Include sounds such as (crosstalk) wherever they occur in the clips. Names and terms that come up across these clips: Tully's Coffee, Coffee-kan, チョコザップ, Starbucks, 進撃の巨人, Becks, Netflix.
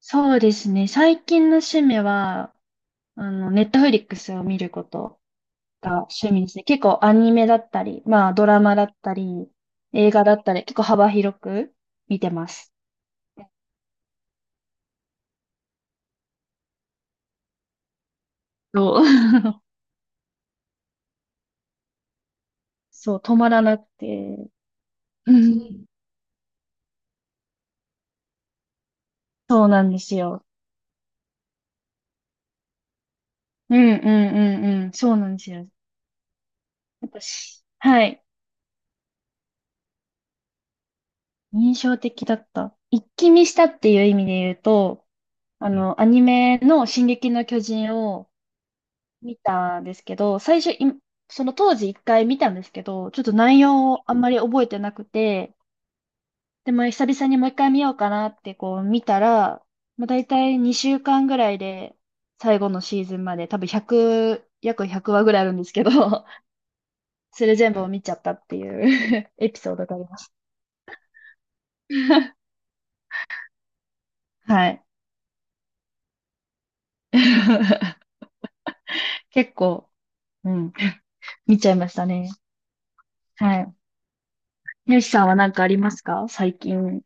そうですね。最近の趣味は、ネットフリックスを見ることが趣味ですね。結構アニメだったり、まあドラマだったり、映画だったり、結構幅広く見てます。そう、(laughs) そう止まらなくて。うん、そうなんですよ。うんうんうんうん。そうなんですよ。私、はい。印象的だった。一気見したっていう意味で言うと、アニメの「進撃の巨人」を見たんですけど、最初、いその当時一回見たんですけど、ちょっと内容をあんまり覚えてなくて、でも久々にもう一回見ようかなってこう見たら、まあ、大体2週間ぐらいで最後のシーズンまで多分1約100話ぐらいあるんですけど、(laughs) それ全部を見ちゃったっていう (laughs) エピソードがあります。(laughs) はい。(laughs) 結構、うん、見ちゃいましたね。はい。よしさんは何かありますか、最近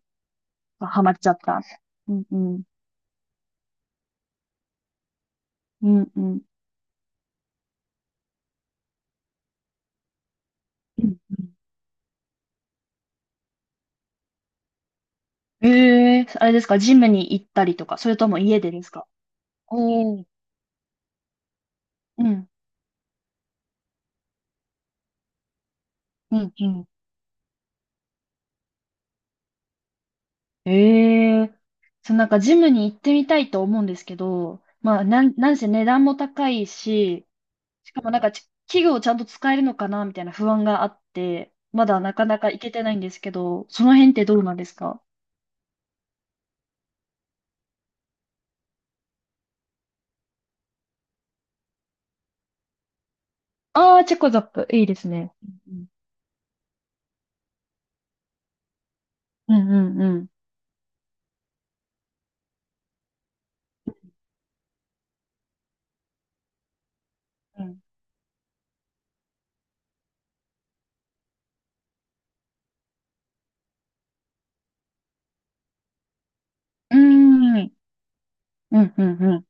ハマっちゃった。うんうん。うんうん。うんうん、ええ、あれですか、ジムに行ったりとか、それとも家でですか？おおー、うん、うん、うん。ええ、そう、なんかジムに行ってみたいと思うんですけど、まあ、なんせ値段も高いし、しかもなんか器具をちゃんと使えるのかなみたいな不安があって、まだなかなか行けてないんですけど、その辺ってどうなんですか？ああー、チェコザップ、いいですね。うんうんうんうん。うん、うーん。うんうんうん。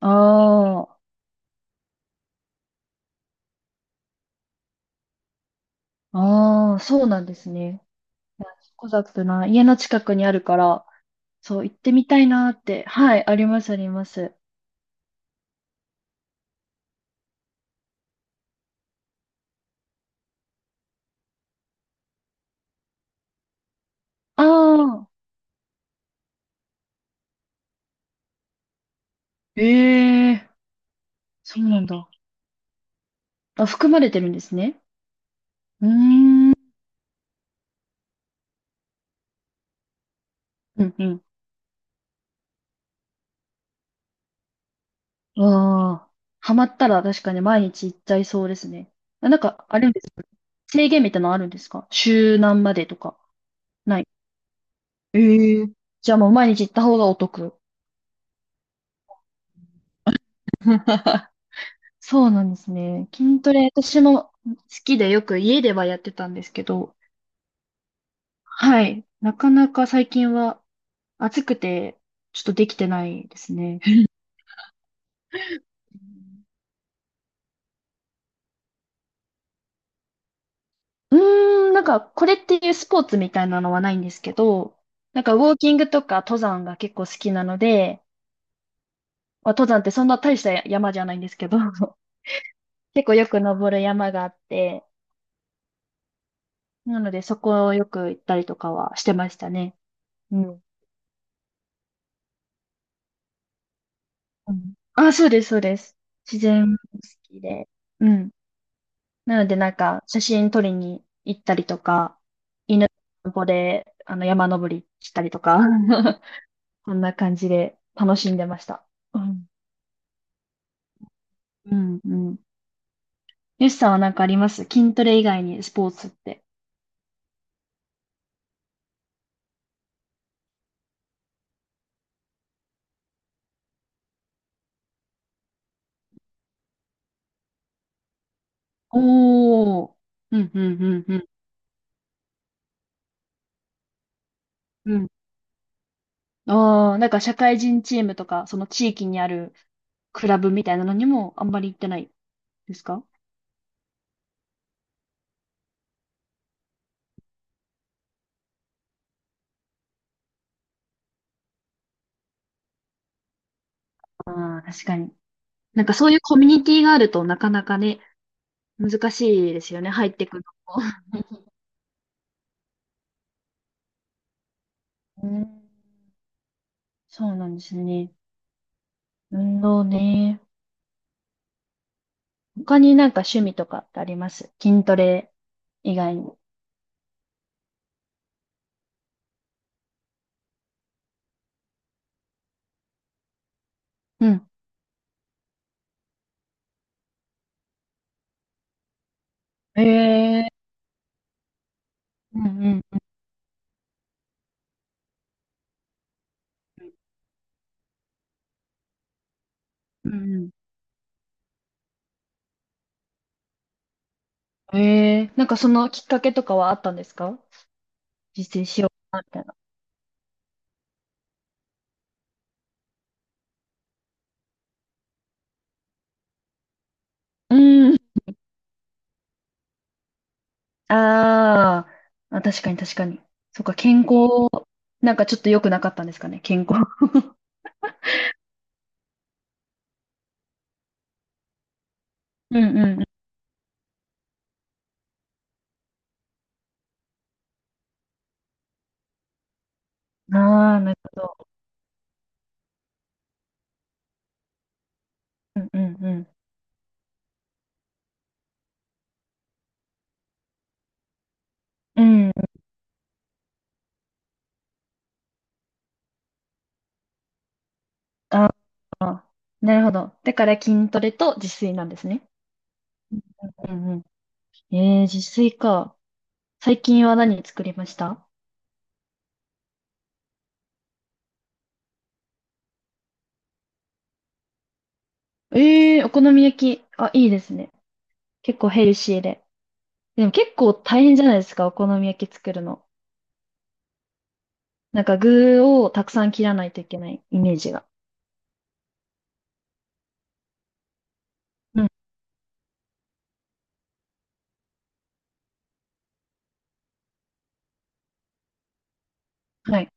ああ。ああ、そうなんですね。いや、コザップな、家の近くにあるから、そう、行ってみたいなーって。はい、あります、あります。ああ、ええー、そうなんだ。あ、含まれてるんですね。うーん、うん、うん。わあ、ハマったら確かに毎日行っちゃいそうですね。あ、なんか、あれですか、制限みたいなのあるんですか、週何までとか。ない。ええー。じゃあもう毎日行った方がお得？(laughs) そうなんですね。筋トレ、私も好きでよく家ではやってたんですけど、はい。なかなか最近は暑くて、ちょっとできてないですね。うーん、なんか、これっていうスポーツみたいなのはないんですけど、なんか、ウォーキングとか登山が結構好きなので、まあ、登山ってそんな大した山じゃないんですけど、(laughs) 結構よく登る山があって、なので、そこをよく行ったりとかはしてましたね。うん。うん。あ、そうです、そうです。自然も好きで。うん。なので、なんか、写真撮りに行ったりとか、犬の散歩で、山登りしたりとか、(laughs) こんな感じで楽しんでました。うん。うん、うん。よしさんはなんかあります、筋トレ以外にスポーツって？おー。うん、うん、うん、うん。うん。あー、なんか社会人チームとか、その地域にあるクラブみたいなのにもあんまり行ってないですか？ああー、確かに。なんかそういうコミュニティがあるとなかなかね、難しいですよね、入ってくるのも。うん、そうなんですね。運動ね。他になんか趣味とかってあります、筋トレ以外に？うん。ええー、うんうん。うんうん、ええー、なんかそのきっかけとかはあったんですか、実践しようかなみたいな。うん。あーあ、確かに確かに。そっか、健康、なんかちょっと良くなかったんですかね、健康。(laughs) うんうんうん。(laughs) ああ、なるほど。うんうんうん。うん。ああ、なるほど。だから筋トレと自炊なんですね。うんうん。自炊か。最近は何作りました？えー、お好み焼き。あ、いいですね。結構ヘルシーで。でも結構大変じゃないですか、お好み焼き作るの。なんか具をたくさん切らないといけないイメージが。うん。はい。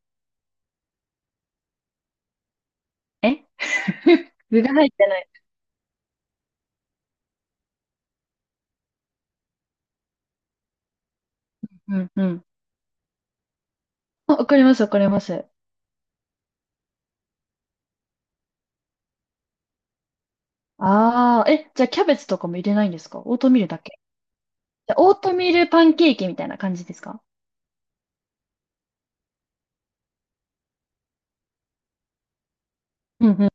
え？ (laughs) 具が入ってない。うんうん。あ、わかります、わかります。ああ、え、じゃあキャベツとかも入れないんですか、オートミールだけ？じゃあオートミールパンケーキみたいな感じですか？うんうん。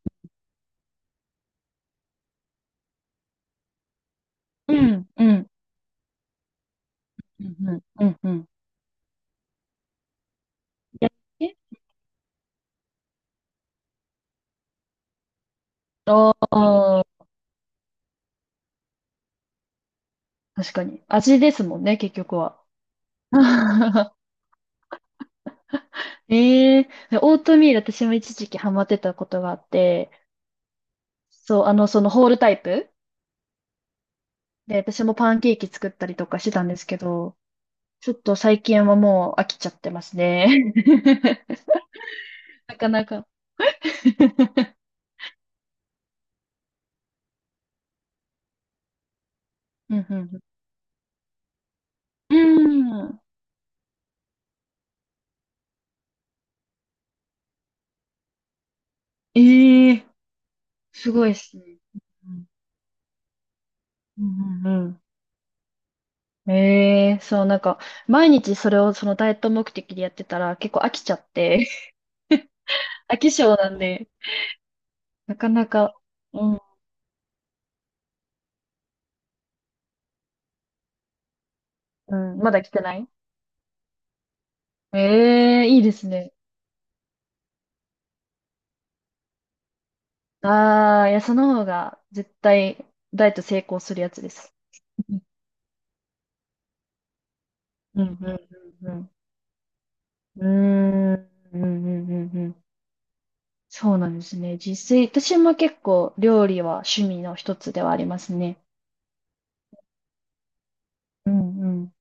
うん、うん、うん、うん、うん、うん。や、え、あ、あー、確かに。味ですもんね、結局は。(laughs) ええー、オートミール私も一時期ハマってたことがあって、そう、そのホールタイプで、私もパンケーキ作ったりとかしてたんですけど、ちょっと最近はもう飽きちゃってますね。(laughs) なかなか。(laughs) うん、うん、うん。うーん。ええー、すごいですね。うんうんうん。ええ、そう、なんか、毎日それをそのダイエット目的でやってたら結構飽きちゃって、(laughs) 飽き性なんで、なかなか、うん、うん、まだ来てない。ええ、いいですね。ああ、いや、その方が絶対ダイエット成功するやつです。(laughs) うん、うん、うん、うん。うーん、うん、うん、うんうん。そうなんですね。実際、私も結構料理は趣味の一つではありますね。うん、うん。